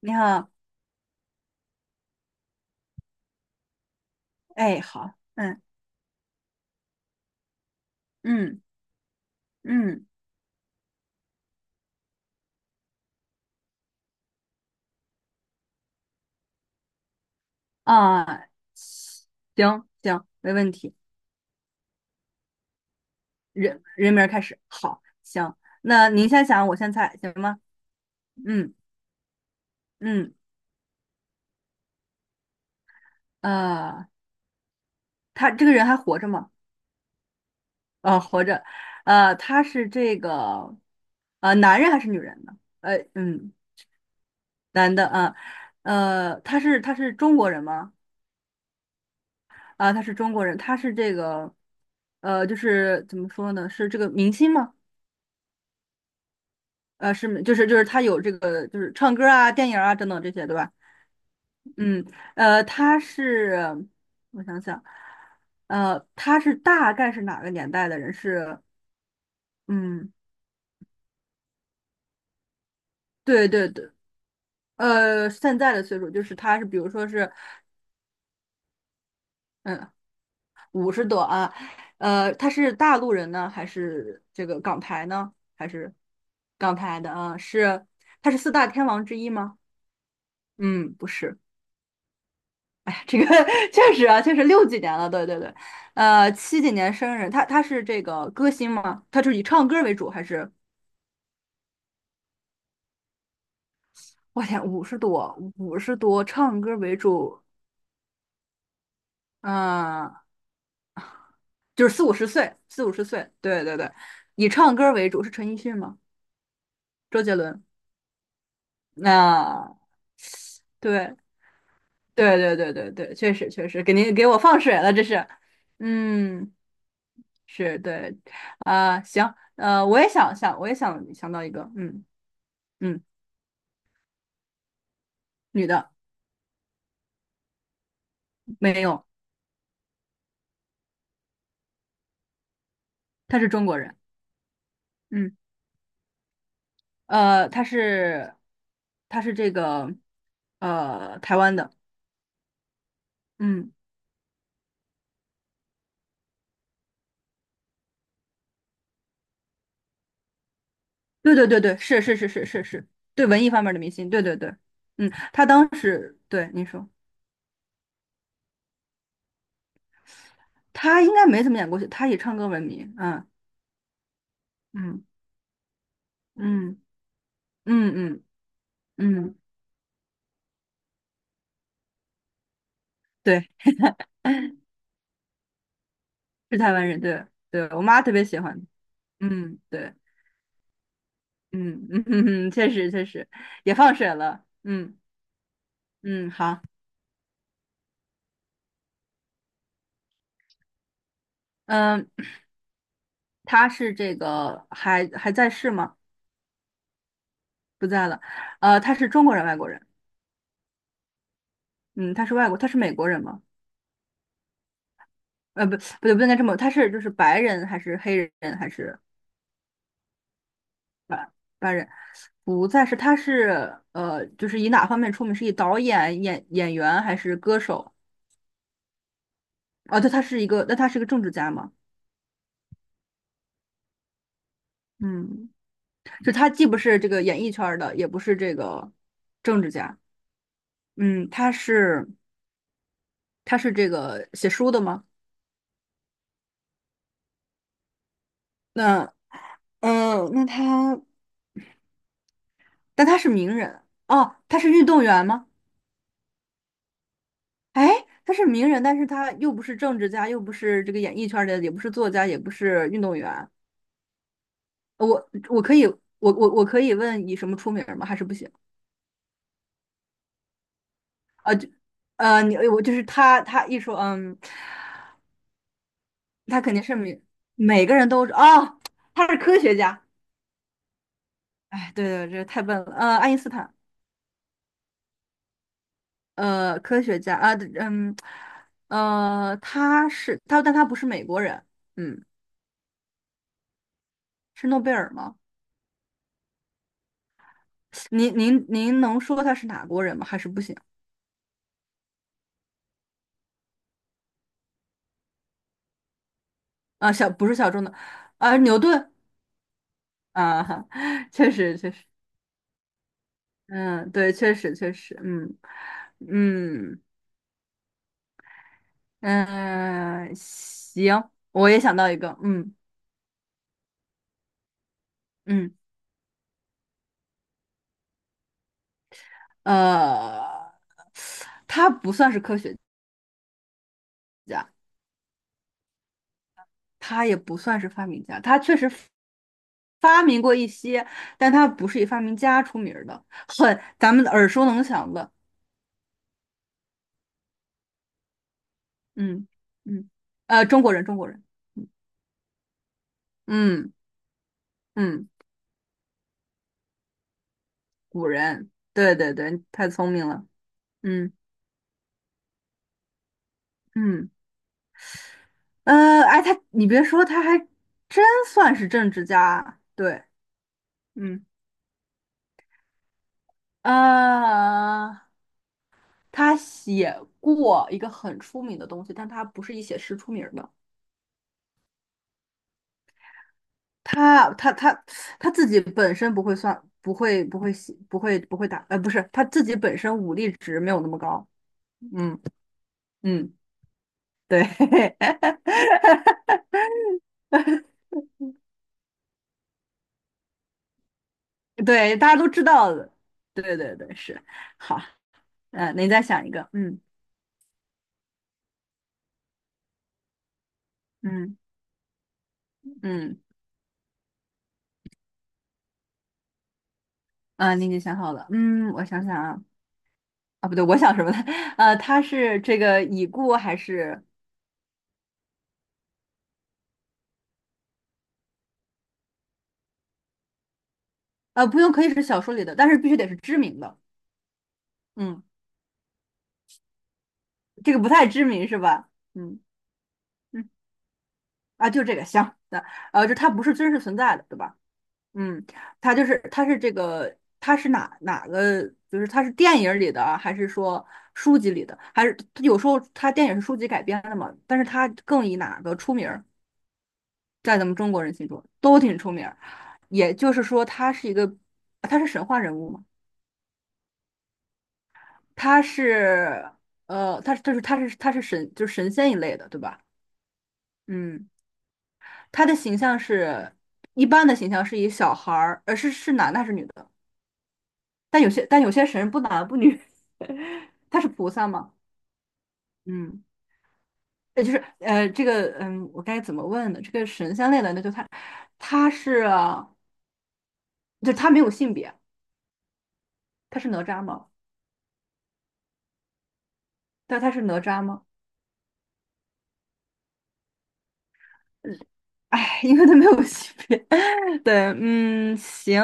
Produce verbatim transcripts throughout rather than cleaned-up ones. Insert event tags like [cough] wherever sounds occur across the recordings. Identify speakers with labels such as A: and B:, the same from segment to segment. A: 你好。哎，好，嗯嗯嗯啊，行行，没问题。人人名儿开始，好，行。那您先想，我先猜，行吗？嗯嗯，呃，他这个人还活着吗？呃，活着。呃，他是这个，呃，男人还是女人呢？呃，嗯，男的啊。呃，他是他是中国人吗？啊，他是中国人。他是这个，呃，就是怎么说呢？是这个明星吗？呃，是，就是就是他有这个，就是唱歌啊、电影啊等等这些，对吧？嗯，呃，他是，我想想，呃，他是大概是哪个年代的人？是，嗯，对对对。呃，现在的岁数就是他是，比如说是，嗯，五十多啊。呃，他是大陆人呢，还是这个港台呢？还是港台的啊？是，他是四大天王之一吗？嗯，不是。这个 [laughs] 确实啊，确实六几年了，对对对。呃，七几年生日，他他是这个歌星吗？他是以唱歌为主还是？我天，五十多，五十多，唱歌为主。嗯、就是四五十岁，四五十岁，对对对。以唱歌为主是陈奕迅吗？周杰伦？那对对对对对对，确实确实，给您给我放水了，这是，嗯，是对。啊、行。呃，我也想想，我也想想到一个，嗯嗯，女的。没有。他是中国人。嗯，呃，他是他是这个呃台湾的。嗯，对对对对，是是是是是是，对文艺方面的明星，对对对。嗯，他当时对你说，他应该没怎么演过戏，他以唱歌闻名。嗯嗯嗯嗯嗯嗯，对，是台湾人。对对，我妈特别喜欢。嗯，对。嗯嗯嗯，[laughs] 确实确实也放水了。嗯嗯，好。嗯，他是这个还还在世吗？不在了。呃，他是中国人，外国人？嗯，他是外国，他是美国人吗？呃，不，不对，不应该这么，他是就是白人还是黑人还是白白人？不再是，他是呃，就是以哪方面出名？是以导演、演演员还是歌手？哦，对，他是一个，那他是个政治家吗？嗯，就他既不是这个演艺圈儿的，也不是这个政治家。嗯，他是他是这个写书的吗？那嗯，呃那他但他是名人。哦，他是运动员吗？哎，他是名人，但是他又不是政治家，又不是这个演艺圈儿的，也不是作家，也不是运动员。呃我我可以，我我我可以问以什么出名儿吗？还是不行？呃，你我就是他，他一说，嗯，他肯定是每每个人都。哦，他是科学家。哎，对对，这太笨了。呃，爱因斯坦。呃，科学家啊。嗯，呃，他是他，但他不是美国人。嗯，是诺贝尔吗？您您您能说他是哪国人吗？还是不行啊？小不是小众的。啊，牛顿啊。[laughs] 哈，确实确实。嗯，对，确实确实。嗯嗯嗯，行。我也想到一个。嗯嗯呃，他不算是科学家，他也不算是发明家，他确实发明过一些，但他不是以发明家出名儿的，很咱们耳熟能详的。嗯嗯，呃，中国人，中国人，嗯嗯。古人，对对对，太聪明了。嗯嗯，呃，哎，他，你别说，他还真算是政治家，对。嗯，呃，他写过一个很出名的东西，但他不是以写诗出名儿的。他他他他自己本身不会算，不会不会写，不会不会打，呃，不是，他自己本身武力值没有那么高。嗯嗯，对。[laughs] 对，大家都知道的。对对对，是。好。嗯，你再想一个。嗯嗯嗯，啊，你已经想好了。嗯，我想想啊。啊，不对，我想什么呢？[laughs] 呃，它是这个已故还是呃，不用，可以是小说里的，但是必须得是知名的。嗯，这个不太知名是吧？嗯嗯，啊，就这个行。那呃，就它不是真实存在的，对吧？嗯，他就是他是这个他是哪哪个？就是他是电影里的啊，还是说书籍里的？还是他有时候他电影是书籍改编的嘛？但是他更以哪个出名儿，在咱们中国人心中都挺出名儿。也就是说，他是一个他是神话人物嘛？他是呃，他他是他是他是神，就是神仙一类的，对吧？嗯，他的形象是一般的形象是以小孩儿，呃，是是男的还是女的？但有些但有些神不男不女。[laughs] 他是菩萨嘛？嗯，也就是呃，这个嗯，我该怎么问呢？这个神仙类的那就他他是就他没有性别。他是哪吒吗？但他是哪吒吗？[laughs] 哎，因为他没有性别。[laughs] 对，嗯，行。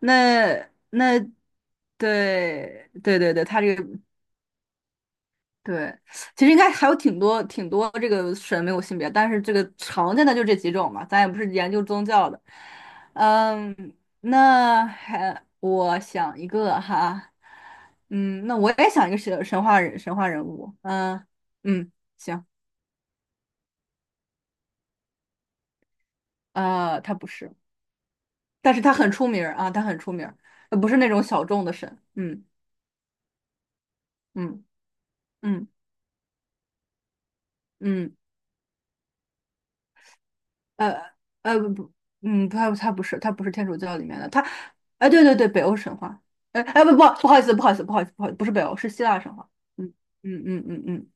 A: 那那对对对对，他这个对，其实应该还有挺多挺多这个神没有性别，但是这个常见的就这几种嘛，咱也不是研究宗教的。嗯，那还我想一个哈。嗯，那我也想一个神神话人神话人物，嗯嗯，行。呃，他不是，但是他很出名儿啊，他很出名儿。呃不是那种小众的神。嗯嗯嗯嗯呃呃不不，嗯，不他不是他不是天主教里面的，他，哎对对对，北欧神话。哎哎不不不好意思，不好意思，不好意思，不好意思，不是北欧是希腊神话。嗯嗯嗯嗯嗯，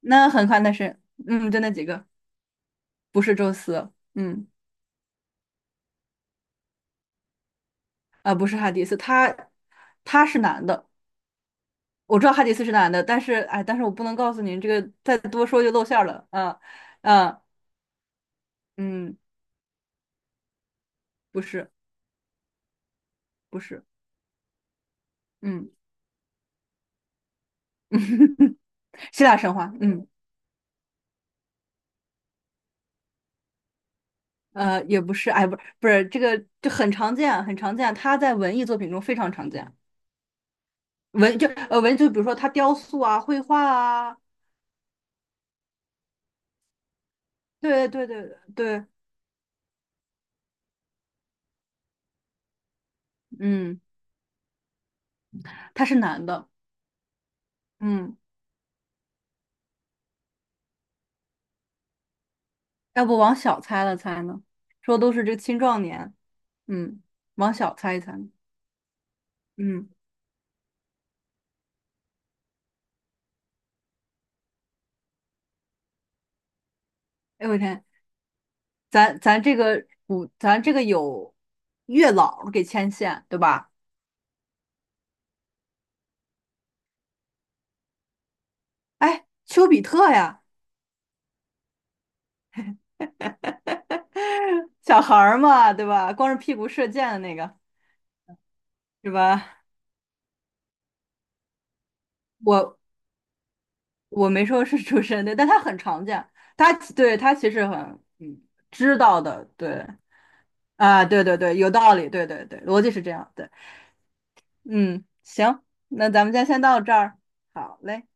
A: 那很快那是嗯就那几个。不是宙斯。嗯啊、不是哈迪斯，他他是男的。我知道哈迪斯是男的，但是哎但是我不能告诉您这个，再多说就露馅儿了。啊啊嗯不是，不是。嗯 [laughs] 希腊神话。嗯。呃，也不是，哎，不是，不是这个，就很常见，很常见，它在文艺作品中非常常见。文就呃文就比如说它雕塑啊、绘画啊，对对对对。嗯，他是男的。嗯，要不往小猜了猜呢？说都是这个青壮年。嗯，往小猜一猜。嗯，哎我天，咱咱这个古，咱这个有月老给牵线，对吧？哎，丘比特呀。[laughs] 小孩儿嘛，对吧？光着屁股射箭的那个，是吧？我我没说是主持人，对，但他很常见，他对他其实很嗯知道的，对啊，对对对，有道理，对对对，逻辑是这样，对。嗯，行，那咱们今天先到这儿。好嘞。